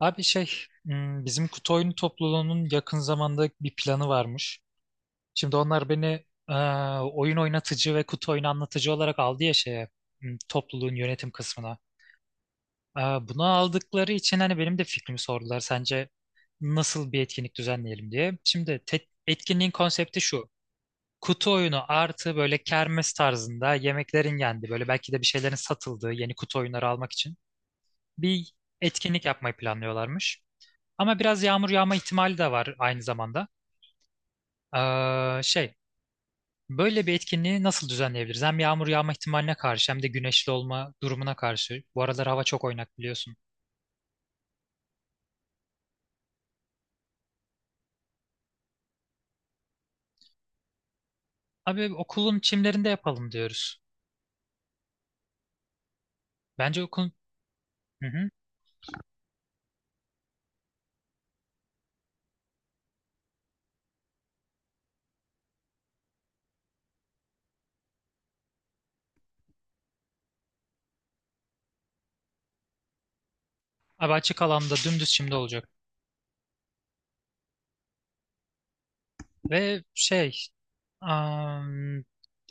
Abi şey, bizim kutu oyunu topluluğunun yakın zamanda bir planı varmış. Şimdi onlar beni e, oyun oynatıcı ve kutu oyunu anlatıcı olarak aldı ya şeye, topluluğun yönetim kısmına. Bunu aldıkları için hani benim de fikrimi sordular. Sence nasıl bir etkinlik düzenleyelim diye. Şimdi etkinliğin konsepti şu. Kutu oyunu artı böyle kermes tarzında yemeklerin yendiği, böyle belki de bir şeylerin satıldığı yeni kutu oyunları almak için bir etkinlik yapmayı planlıyorlarmış. Ama biraz yağmur yağma ihtimali de var aynı zamanda. Şey, böyle bir etkinliği nasıl düzenleyebiliriz? Hem yağmur yağma ihtimaline karşı hem de güneşli olma durumuna karşı. Bu aralar hava çok oynak biliyorsun. Abi okulun çimlerinde yapalım diyoruz. Bence okulun... Hı hı. Abi açık alanda dümdüz çimde olacak. Ve şey... am,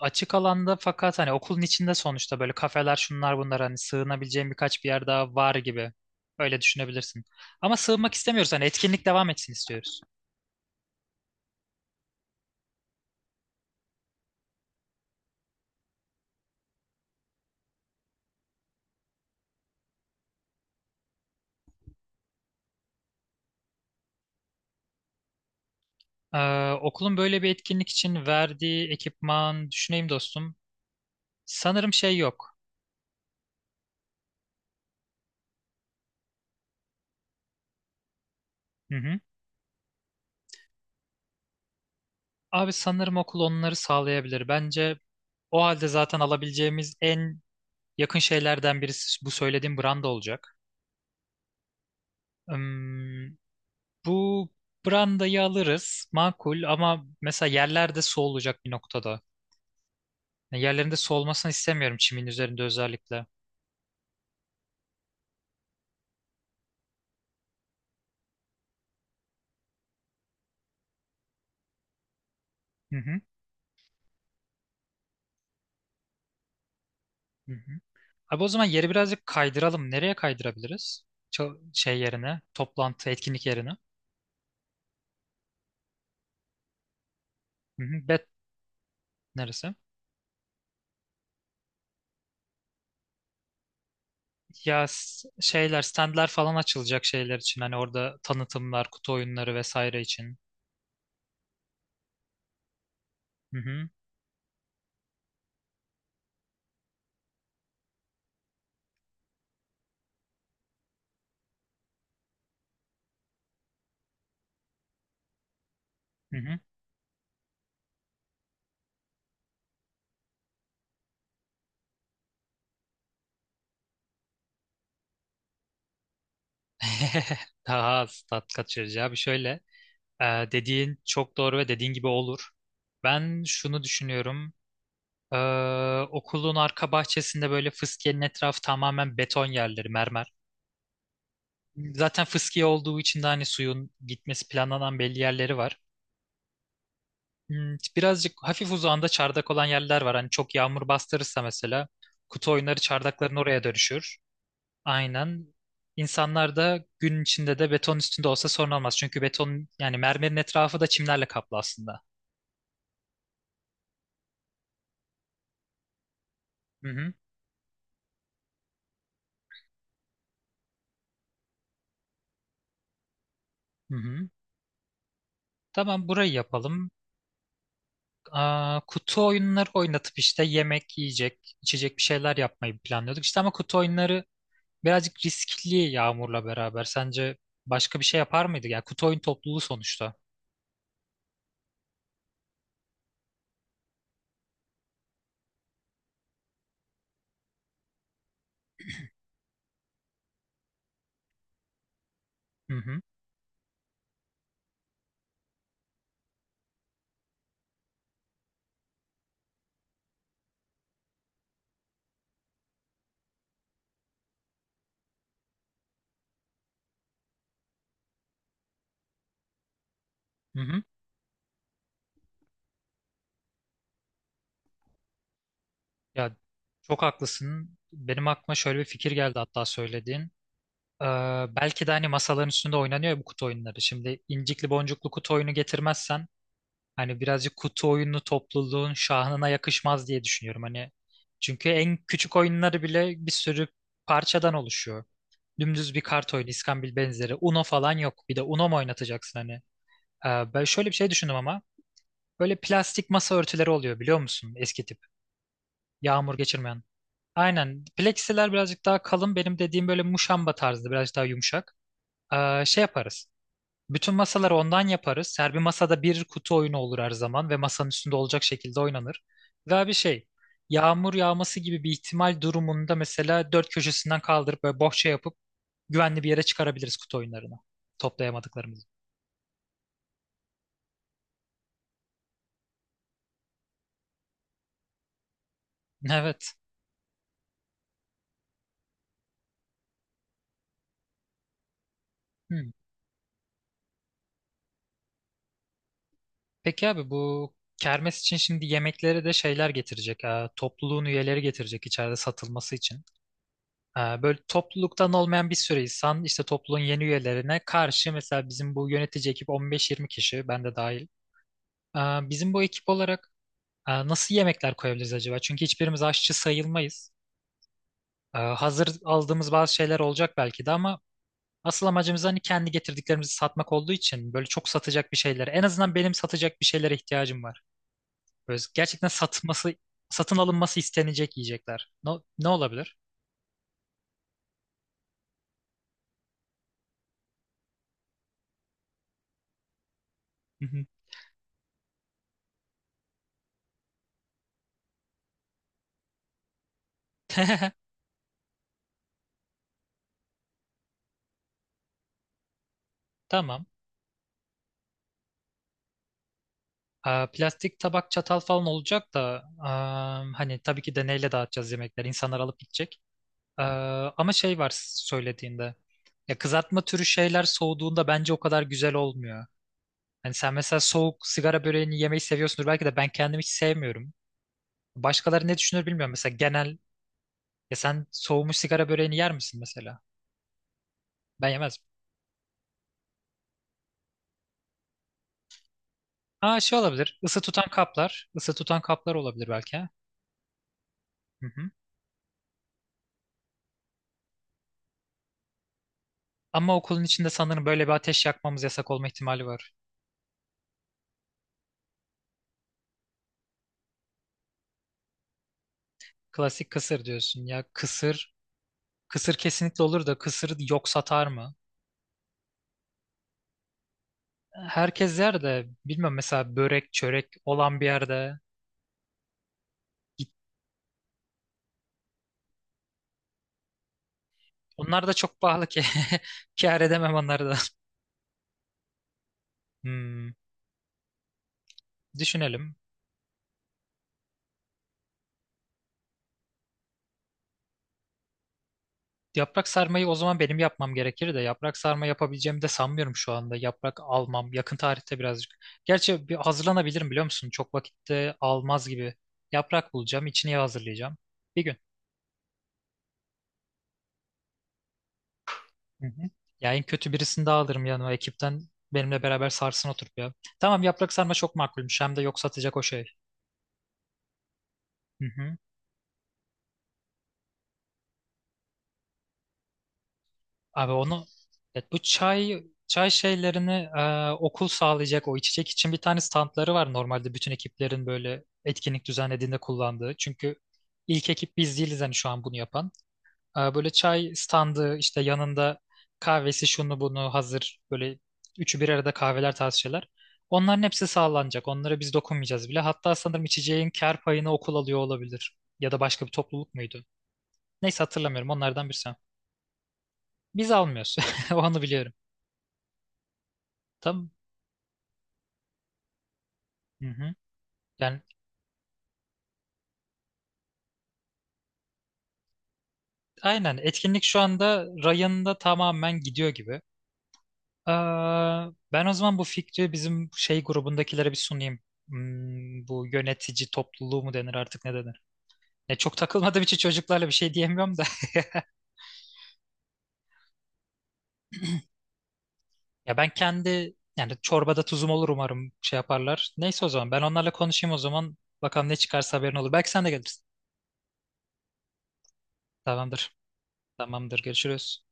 açık alanda fakat hani okulun içinde sonuçta böyle kafeler şunlar bunlar hani sığınabileceğim birkaç bir yer daha var gibi. Öyle düşünebilirsin. Ama sığınmak istemiyoruz. Hani etkinlik devam etsin istiyoruz. Okulun böyle bir etkinlik için verdiği ekipman düşüneyim dostum. Sanırım şey yok. Hı hı. Abi sanırım okul onları sağlayabilir. Bence o halde zaten alabileceğimiz en yakın şeylerden birisi bu söylediğim branda olacak. Hmm, Bu brandayı alırız makul ama mesela yerlerde su olacak bir noktada. Yani yerlerinde su olmasını istemiyorum çimin üzerinde özellikle. Hı hı. Hı hı. Abi o zaman yeri birazcık kaydıralım. Nereye kaydırabiliriz? Şey yerine, toplantı, etkinlik yerine. Hı hı. Neresi? Ya standlar falan açılacak şeyler için. Hani orada tanıtımlar, kutu oyunları vesaire için. Hı hı, hı hı. Daha az tat kaçırıcı abi. Şöyle, e, dediğin çok doğru ve dediğin gibi olur. Ben şunu düşünüyorum. E, Okulun arka bahçesinde böyle fıskiyenin etrafı tamamen beton yerleri, mermer. Zaten fıskiye olduğu için de hani suyun gitmesi planlanan belli yerleri var. Birazcık hafif uzağında çardak olan yerler var. Hani çok yağmur bastırırsa mesela kutu oyunları çardakların oraya dönüşür. Aynen. İnsanlar da gün içinde de beton üstünde olsa sorun olmaz. Çünkü beton yani mermerin etrafı da çimlerle kaplı aslında. Hı hı. Hı hı. Tamam burayı yapalım. Aa, kutu oyunları oynatıp işte yemek, yiyecek, içecek bir şeyler yapmayı planlıyorduk. İşte ama kutu oyunları birazcık riskli Yağmur'la beraber. Sence başka bir şey yapar mıydı? Ya kutu oyun topluluğu sonuçta. Hı hı. Hı hı. Ya çok haklısın. Benim aklıma şöyle bir fikir geldi hatta söylediğin. Ee, Belki de hani masaların üstünde oynanıyor ya bu kutu oyunları. Şimdi incikli boncuklu kutu oyunu getirmezsen hani birazcık kutu oyunu topluluğun şahına yakışmaz diye düşünüyorum. Hani çünkü en küçük oyunları bile bir sürü parçadan oluşuyor. Dümdüz bir kart oyunu, iskambil benzeri. Uno falan yok. Bir de Uno mu oynatacaksın hani? Ben şöyle bir şey düşündüm ama. Böyle plastik masa örtüleri oluyor biliyor musun? Eski tip. Yağmur geçirmeyen. Aynen. Plexiler birazcık daha kalın. Benim dediğim böyle muşamba tarzı. Birazcık daha yumuşak. Şey yaparız. Bütün masaları ondan yaparız. Her bir masada bir kutu oyunu olur her zaman. Ve masanın üstünde olacak şekilde oynanır. Ve bir şey. Yağmur yağması gibi bir ihtimal durumunda mesela dört köşesinden kaldırıp böyle bohça yapıp güvenli bir yere çıkarabiliriz kutu oyunlarını. Toplayamadıklarımızı. Evet. Hı. Peki abi bu kermes için şimdi yemeklere de şeyler getirecek. Topluluğun üyeleri getirecek içeride satılması için. Böyle topluluktan olmayan bir sürü insan işte topluluğun yeni üyelerine karşı mesela bizim bu yönetici ekip 15-20 kişi ben de dahil. E, Bizim bu ekip olarak nasıl yemekler koyabiliriz acaba? Çünkü hiçbirimiz aşçı sayılmayız. Hazır aldığımız bazı şeyler olacak belki de ama asıl amacımız hani kendi getirdiklerimizi satmak olduğu için böyle çok satacak bir şeyler. En azından benim satacak bir şeylere ihtiyacım var. Böyle gerçekten satılması, satın alınması istenecek yiyecekler. Ne, ne olabilir? Hı hı. Tamam. Aa, plastik tabak çatal falan olacak da aa, hani tabii ki deneyle dağıtacağız yemekleri. İnsanlar alıp gidecek. Aa, ama şey var söylediğinde. Ya kızartma türü şeyler soğuduğunda bence o kadar güzel olmuyor. Hani sen mesela soğuk sigara böreğini yemeyi seviyorsundur belki de ben kendim hiç sevmiyorum. Başkaları ne düşünür bilmiyorum. Mesela genel ya sen soğumuş sigara böreğini yer misin mesela? Ben yemez Aa, şey olabilir. Isı tutan kaplar. Isı tutan kaplar olabilir belki. Ha. Hı hı. Ama okulun içinde sanırım böyle bir ateş yakmamız yasak olma ihtimali var. Klasik kısır diyorsun ya. Kısır. Kısır kesinlikle olur da kısır yok satar mı? Herkes yer de bilmiyorum mesela börek çörek olan bir yerde. Onlar da çok pahalı ki. Kâr edemem onları da. Hmm, Düşünelim. Yaprak sarmayı o zaman benim yapmam gerekir de yaprak sarma yapabileceğimi de sanmıyorum şu anda. Yaprak almam yakın tarihte birazcık. Gerçi bir hazırlanabilirim biliyor musun? Çok vakitte almaz gibi. Yaprak bulacağım, içini hazırlayacağım. Bir gün. Hı hı. Ya en kötü birisini daha alırım yanıma ekipten. Benimle beraber sarsın oturup ya. Tamam yaprak sarma çok makulmüş. Hem de yok satacak o şey. Hı hı. Abi onu evet, bu çay şeylerini okul sağlayacak o içecek için bir tane standları var normalde bütün ekiplerin böyle etkinlik düzenlediğinde kullandığı. Çünkü ilk ekip biz değiliz hani şu an bunu yapan. Böyle çay standı işte yanında kahvesi şunu bunu hazır böyle üçü bir arada kahveler tarzı şeyler. Onların hepsi sağlanacak. Onlara biz dokunmayacağız bile. Hatta sanırım içeceğin kar payını okul alıyor olabilir. Ya da başka bir topluluk muydu? Neyse hatırlamıyorum. Onlardan birisi. Biz almıyoruz. Onu biliyorum. Tam Hı hı. Yani aynen etkinlik şu anda rayında tamamen gidiyor gibi. Aa, ben o zaman bu fikri bizim şey grubundakilere bir sunayım. Bu yönetici topluluğu mu denir artık ne denir? Ya çok takılmadığım için çocuklarla bir şey diyemiyorum da. Ya ben kendi yani çorbada tuzum olur umarım şey yaparlar. Neyse o zaman ben onlarla konuşayım o zaman. Bakalım ne çıkarsa haberin olur. Belki sen de gelirsin. Tamamdır. Tamamdır. Görüşürüz.